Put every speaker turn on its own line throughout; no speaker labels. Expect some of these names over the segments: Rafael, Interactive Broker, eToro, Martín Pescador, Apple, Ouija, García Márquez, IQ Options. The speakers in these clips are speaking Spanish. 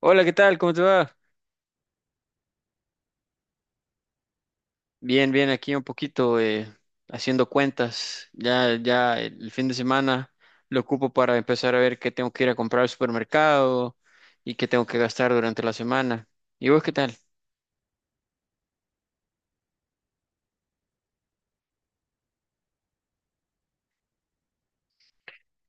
Hola, ¿qué tal? ¿Cómo te va? Bien, bien, aquí un poquito haciendo cuentas. Ya el fin de semana lo ocupo para empezar a ver qué tengo que ir a comprar al supermercado y qué tengo que gastar durante la semana. ¿Y vos qué tal?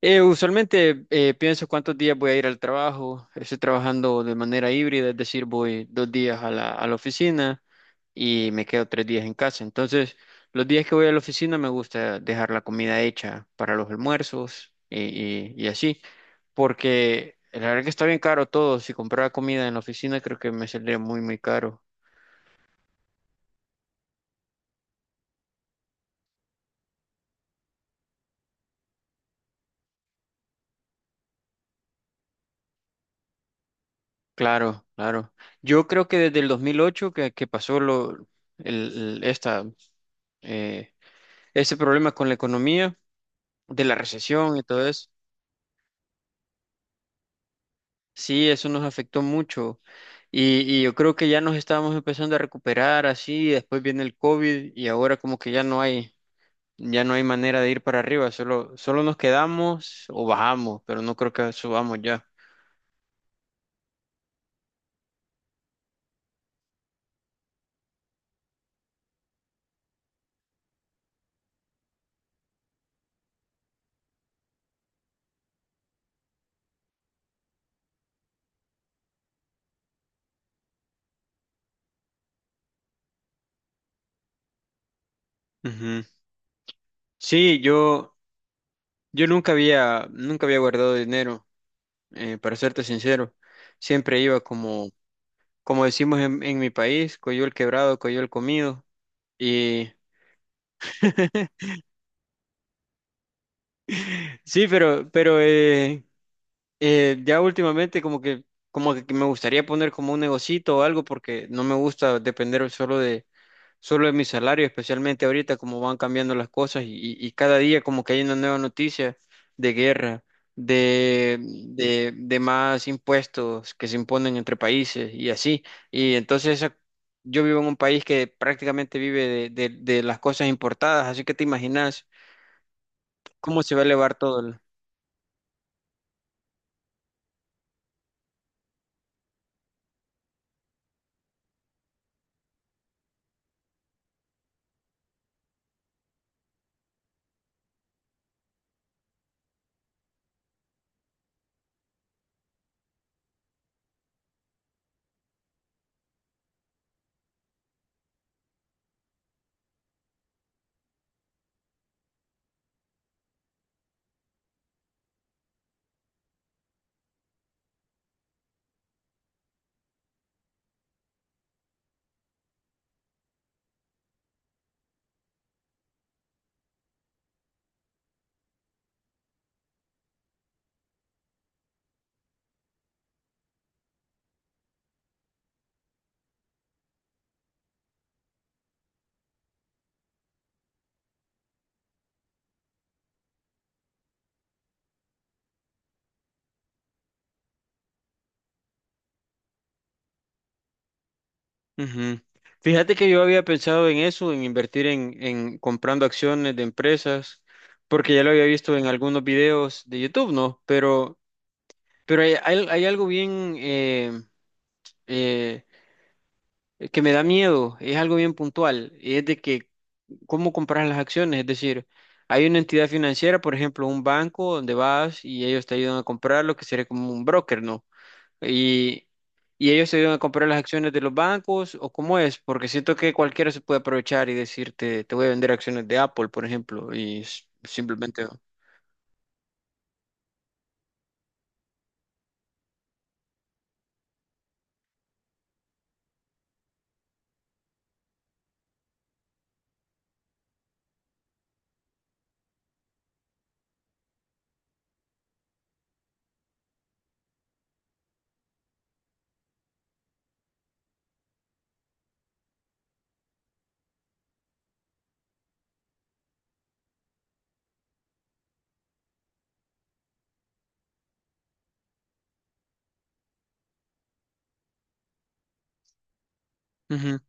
Usualmente pienso cuántos días voy a ir al trabajo. Estoy trabajando de manera híbrida, es decir, voy dos días a la oficina y me quedo tres días en casa. Entonces, los días que voy a la oficina me gusta dejar la comida hecha para los almuerzos y así, porque la verdad que está bien caro todo. Si comprara comida en la oficina, creo que me saldría muy, muy caro. Claro, claro. Yo creo que desde el 2008 que pasó lo, el- esta, eh, ese problema con la economía, de la recesión y todo eso, sí, eso nos afectó mucho. Y yo creo que ya nos estábamos empezando a recuperar así, después viene el COVID y ahora como que ya no hay manera de ir para arriba, solo, solo nos quedamos o bajamos, pero no creo que subamos ya. Ujú. Sí, yo nunca había guardado dinero, para serte sincero. Siempre iba como decimos en mi país, coyol quebrado, coyol comido. Y sí, pero ya últimamente como que me gustaría poner como un negocito o algo porque no me gusta depender solo de mi salario, especialmente ahorita como van cambiando las cosas y cada día como que hay una nueva noticia de guerra, de más impuestos que se imponen entre países y así. Y entonces esa- yo vivo en un país que prácticamente vive de las cosas importadas, así que te imaginas cómo se va a elevar todo. Ujú. Fíjate que yo había pensado en eso, en invertir en comprando acciones de empresas, porque ya lo había visto en algunos videos de YouTube, ¿no? Pero hay algo bien eh, que me da miedo, es algo bien puntual, y es de que cómo comprar las acciones, es decir, hay una entidad financiera, por ejemplo, un banco donde vas y ellos te ayudan a comprar lo que sería como un broker, ¿no? Y, y ellos te ayudan a comprar las acciones de los bancos, o cómo es, porque siento que cualquiera se puede aprovechar y decirte, te voy a vender acciones de Apple, por ejemplo, y simplemente... Ujú.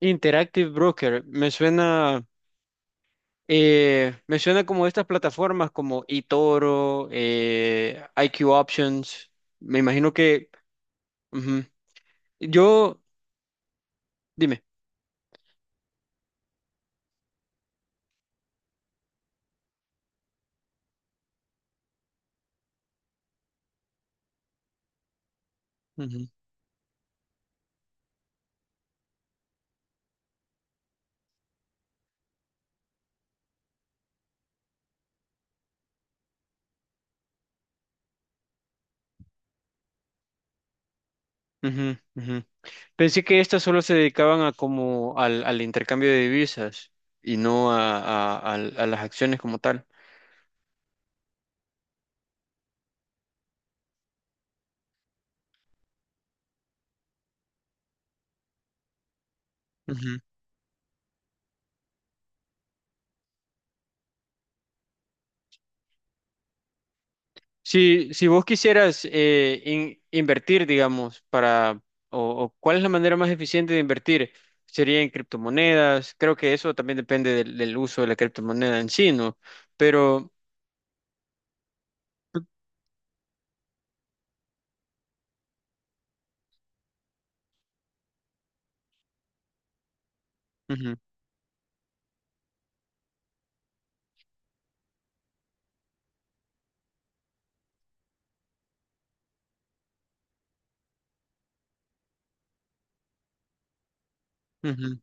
Interactive Broker, me suena... me como estas plataformas como eToro, IQ Options. Me imagino que... Ujú. Yo, dime. Ujú, ujú, ujú. Pensé que estas solo se dedicaban a como al intercambio de divisas y no a las acciones como tal. Si, si vos quisieras invertir, o, o cuál es la manera más eficiente de invertir, sería en criptomonedas. Creo que eso también depende del uso de la criptomoneda en sí, ¿no? Pero ujú, ujú.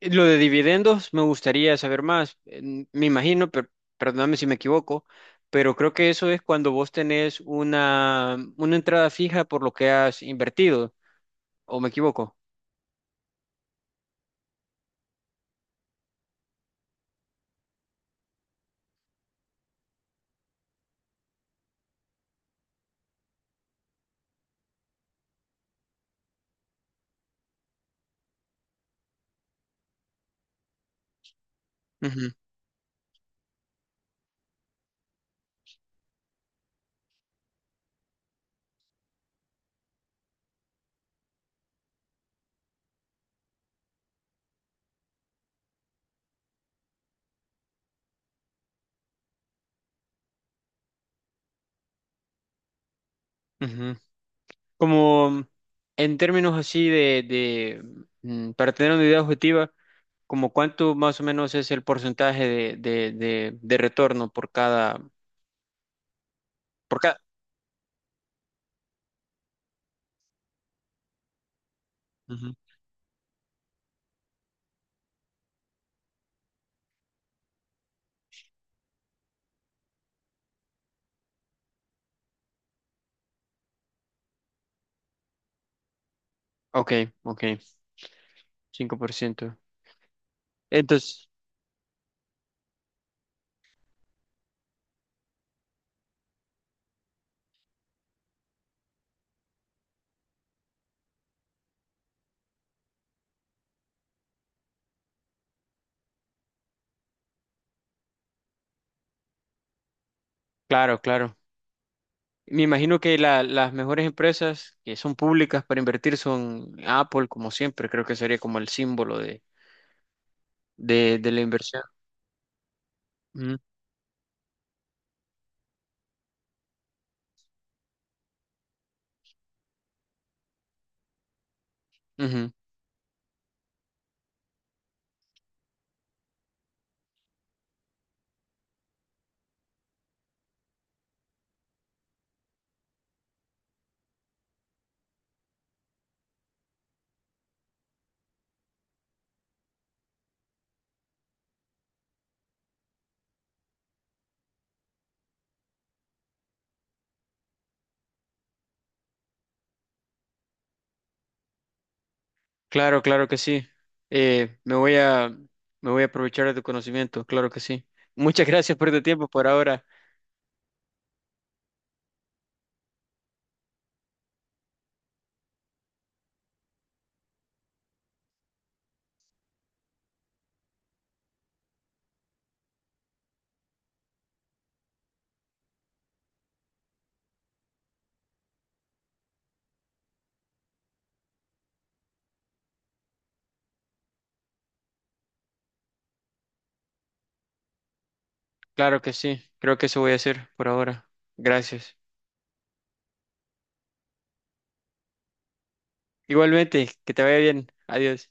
Lo de dividendos me gustaría saber más. Me imagino, pero perdóname si me equivoco, pero creo que eso es cuando vos tenés una entrada fija por lo que has invertido, ¿o me equivoco? Ujú, ujú. Como en términos así para tener una idea objetiva, como cuánto más o menos es el porcentaje de retorno por cada, por cada. Ujú. Ok, ok, 5%. Entonces, claro, claro. Me imagino que las mejores empresas que son públicas para invertir son Apple, como siempre, creo que sería como el símbolo de la inversión. Ujú, ujú. Claro, claro que sí. Eh, me voy a, me voy a aprovechar de tu conocimiento, claro que sí. Muchas gracias por tu tiempo por ahora. Claro que sí, creo que eso voy a hacer por ahora. Gracias. Igualmente, que te vaya bien. Adiós.